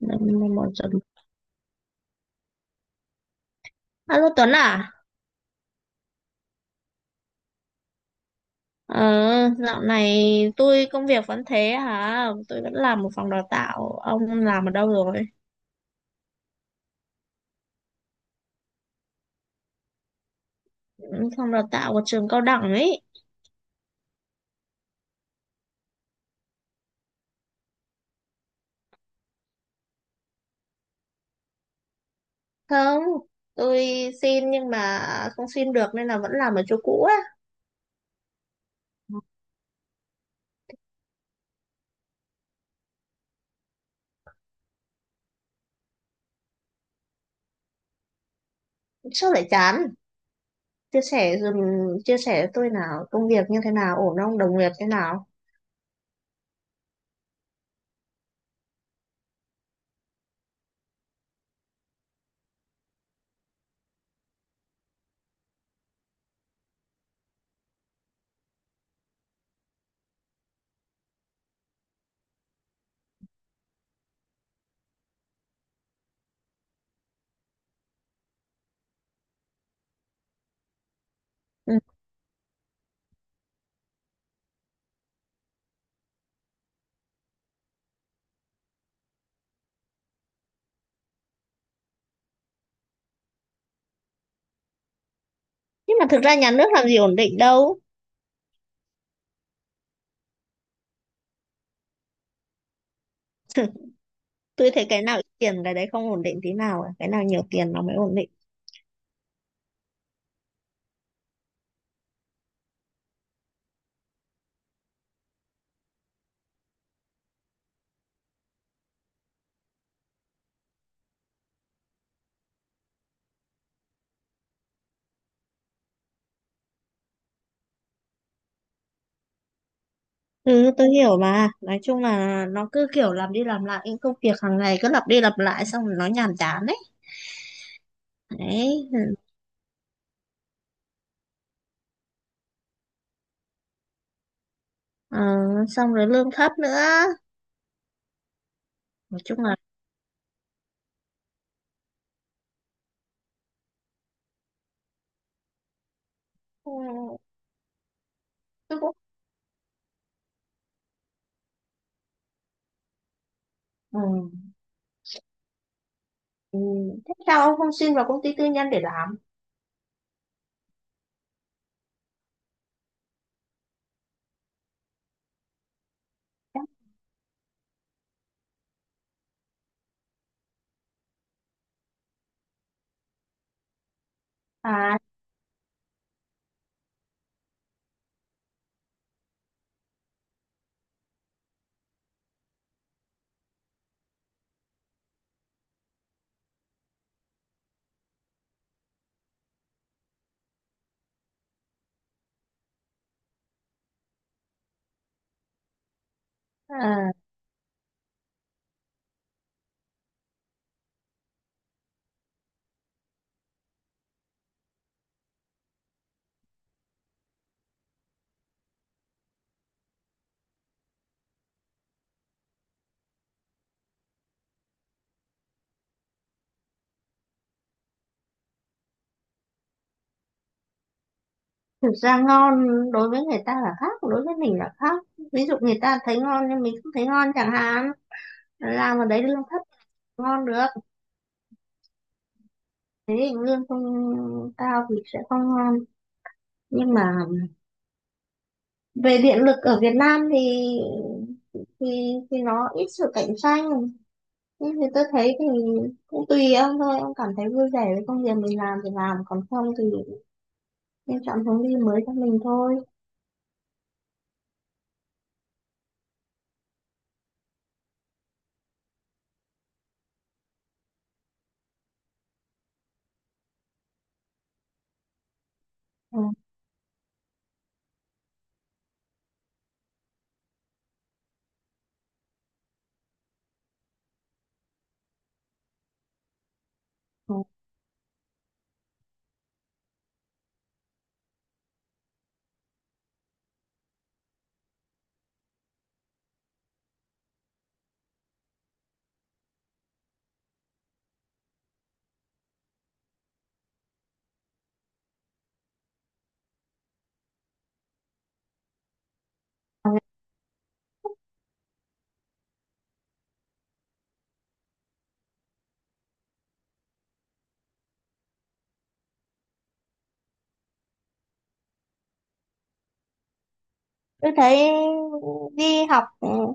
Năm năm bọn Tuấn. Alo Tuấn à? Ờ, dạo này tôi công việc vẫn thế hả? Tôi vẫn làm một phòng đào tạo. Ông làm ở đâu rồi? Ừ, phòng đào tạo của trường cao đẳng ấy. Không, tôi xin nhưng mà không xin được nên là vẫn làm ở chỗ cũ á. Sao lại chán? Chia sẻ dùm, chia sẻ với tôi nào, công việc như thế nào, ổn không, đồng nghiệp thế nào? Ừ. Nhưng mà thực ra nhà nước làm gì ổn định đâu. Tôi thấy cái nào ít tiền cái đấy không ổn định tí nào, cả cái nào nhiều tiền nó mới ổn định. Ừ, tôi hiểu mà. Nói chung là nó cứ kiểu làm đi làm lại những công việc hàng ngày cứ lặp đi lặp lại xong rồi nó nhàm chán đấy. Đấy. Ờ, xong rồi lương thấp nữa. Nói chung là ừ, tôi cũng ừ. Ừ. Thế sao ông không xin vào công ty tư nhân để làm? À, à, thực ra ngon đối với người ta là khác, đối với mình là khác. Ví dụ người ta thấy ngon nhưng mình không thấy ngon chẳng hạn. Làm ở đấy lương thấp ngon được. Thế thì lương không cao thì sẽ không ngon. Nhưng mà về điện lực ở Việt Nam thì thì nó ít sự cạnh tranh nhưng thì tôi thấy thì cũng tùy ông thôi, ông cảm thấy vui vẻ với công việc mình làm thì làm, còn không thì nên chọn hướng đi mới cho mình thôi. Ừ. Ừ. Tôi thấy đi học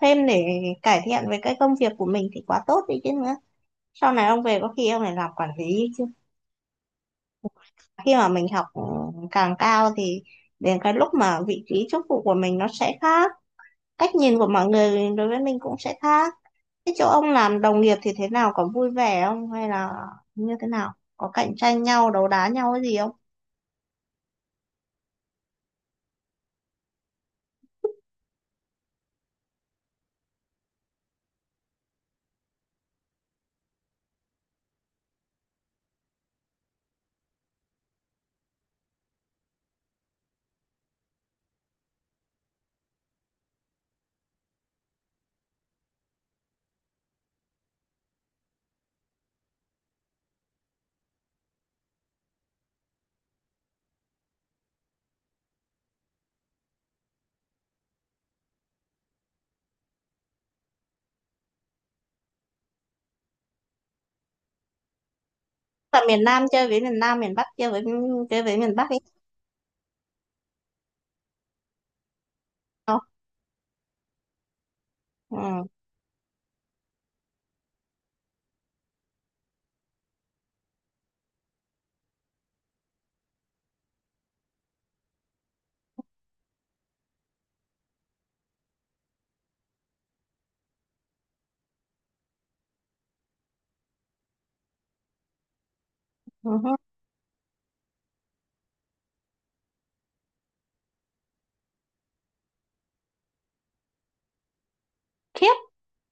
thêm để cải thiện về cái công việc của mình thì quá tốt đi chứ nữa. Sau này ông về có khi ông lại làm quản lý chứ. Khi mà mình học ừ, càng cao thì đến cái lúc mà vị trí chức vụ của mình nó sẽ khác, cách nhìn của mọi người đối với mình cũng sẽ khác. Thế chỗ ông làm đồng nghiệp thì thế nào? Có vui vẻ không? Hay là như thế nào? Có cạnh tranh nhau, đấu đá nhau cái gì không? Là miền Nam chơi với miền Nam, miền Bắc chơi với miền Bắc ấy không? Ừ. Ừ. Khiếp,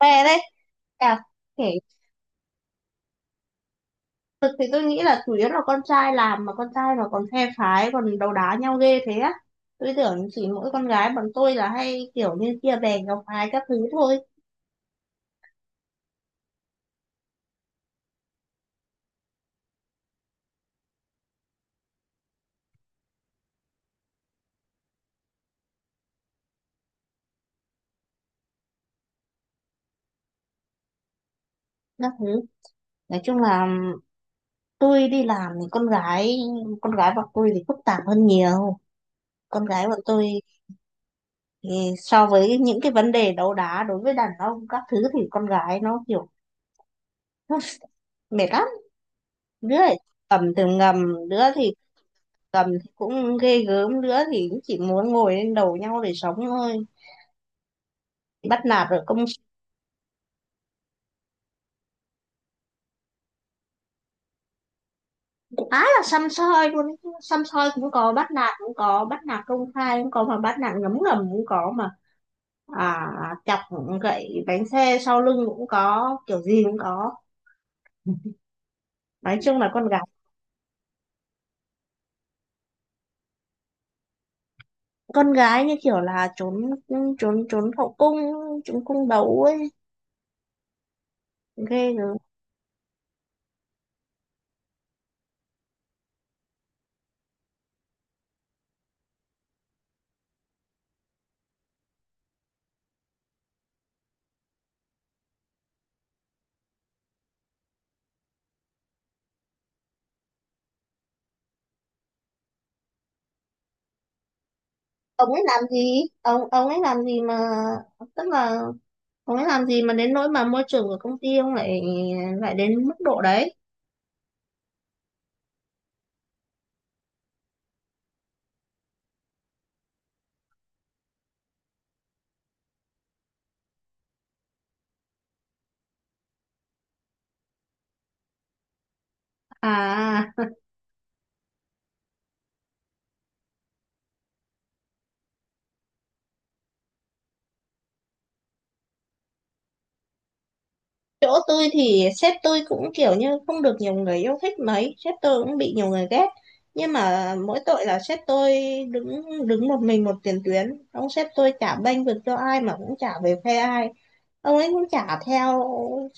về đây. À, kể thực thì tôi nghĩ là chủ yếu là con trai làm mà con trai mà còn phe phái, còn đấu đá nhau ghê thế á. Tôi tưởng chỉ mỗi con gái bọn tôi là hay kiểu như kia bè gặp phái các thứ thôi. Các thứ. Nói chung là tôi đi làm thì con gái bọn tôi thì phức tạp hơn nhiều, con gái bọn tôi thì so với những cái vấn đề đấu đá đối với đàn ông các thứ thì con gái nó kiểu mệt lắm. Đứa thì cầm từ ngầm, đứa thì cầm thì cũng ghê gớm, đứa thì cũng chỉ muốn ngồi lên đầu nhau để sống thôi. Bắt nạt ở công, khá là săm soi luôn ấy. Săm soi cũng có, bắt nạt cũng có, bắt nạt công khai cũng có mà bắt nạt ngấm ngầm cũng có mà. À, chọc gậy bánh xe sau lưng cũng có, kiểu gì cũng có. Nói chung là con gái, con gái như kiểu là trốn, trốn hậu cung, trốn cung đấu ấy. Ghê rồi. Ông ấy làm gì, ông ấy làm gì mà, tức là ông ấy làm gì mà đến nỗi mà môi trường của công ty ông lại, lại đến mức độ đấy. À, chỗ tôi thì sếp tôi cũng kiểu như không được nhiều người yêu thích mấy, sếp tôi cũng bị nhiều người ghét, nhưng mà mỗi tội là sếp tôi đứng đứng một mình một tiền tuyến, ông sếp tôi chả bênh vực cho ai mà cũng chả về phe ai, ông ấy cũng chả theo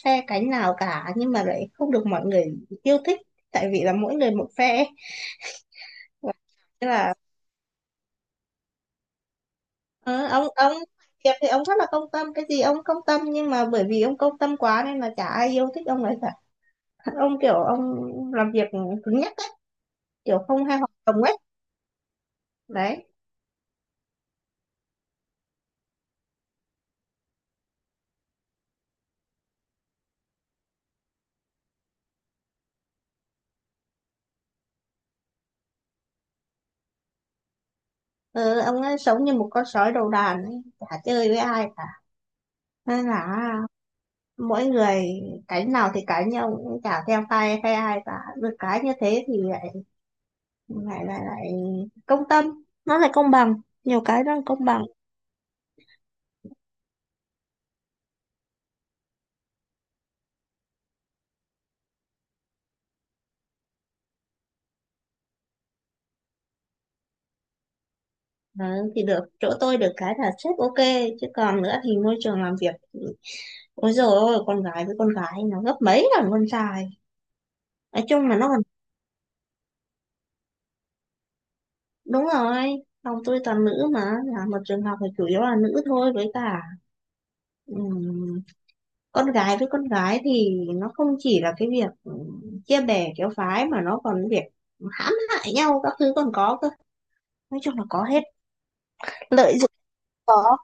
phe cánh nào cả nhưng mà lại không được mọi người yêu thích tại vì là mỗi người một phe. Thế là ờ, ông việc thì ông rất là công tâm, cái gì ông công tâm nhưng mà bởi vì ông công tâm quá nên là chả ai yêu thích ông ấy cả. Ông kiểu ông làm việc cứng nhắc ấy, kiểu không hay hoạt động ấy. Đấy. Ừ, ông ấy sống như một con sói đầu đàn ấy, chả chơi với ai cả nên là mỗi người cánh nào thì cánh nhưng ông cũng chả theo phe phe ai cả. Được cái như thế thì lại lại công tâm, nó lại công bằng, nhiều cái đang công bằng. Ừ, thì được chỗ tôi được cái là sếp ok, chứ còn nữa thì môi trường làm việc thì- ôi dồi ôi, con gái với con gái nó gấp mấy lần con trai. Nói chung là nó. Đúng rồi, phòng tôi toàn nữ mà, là một trường học thì chủ yếu là nữ thôi, với cả ừm, con gái với con gái thì nó không chỉ là cái việc chia bè kéo phái mà nó còn việc hãm hại nhau các thứ còn có cơ. Nói chung là có hết, lợi dụng có,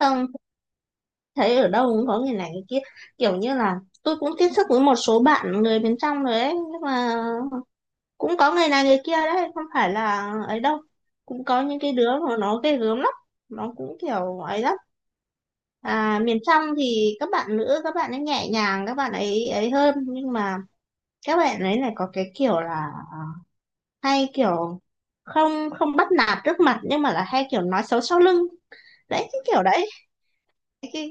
không, thấy ở đâu cũng có người này người kia. Kiểu như là tôi cũng tiếp xúc với một số bạn người bên trong rồi ấy, nhưng mà cũng có người này người kia đấy, không phải là ấy đâu, cũng có những cái đứa mà nó ghê gớm lắm, nó cũng kiểu ấy lắm. À, miền trong thì các bạn nữ, các bạn ấy nhẹ nhàng, các bạn ấy ấy hơn nhưng mà các bạn ấy lại có cái kiểu là à, hay kiểu không không bắt nạt trước mặt nhưng mà là hay kiểu nói xấu sau lưng. Đấy cái kiểu đấy, cái,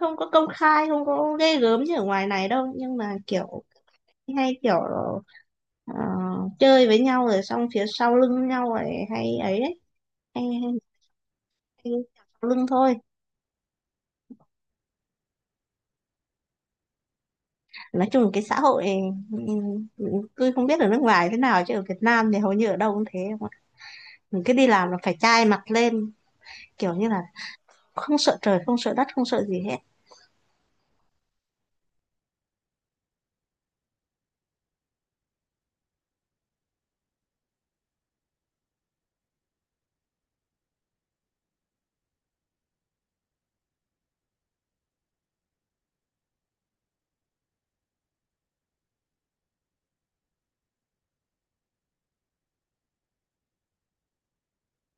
không có công khai, không có ghê gớm như ở ngoài này đâu nhưng mà kiểu hay kiểu ờ, chơi với nhau rồi xong phía sau lưng nhau rồi hay ấy đấy, hay, hay, hay sau lưng thôi. Nói chung cái xã hội ừm, tôi không biết ở nước ngoài thế nào chứ ở Việt Nam thì hầu như ở đâu cũng thế không ạ? Mình cứ đi làm là phải chai mặt lên, kiểu như là không sợ trời không sợ đất không sợ gì hết,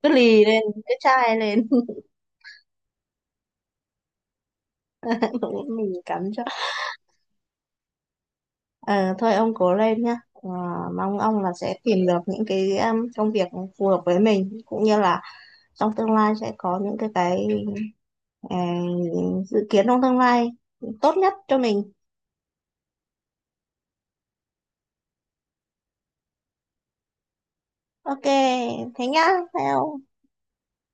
cứ lì lên cứ chai lên. Mình cắm cho. Ờ, thôi ông cố lên nhá. Ờ, mong ông là sẽ tìm được những cái công việc phù hợp với mình cũng như là trong tương lai sẽ có những cái ờ, dự kiến trong tương lai tốt nhất cho mình. Ok, thế nhá theo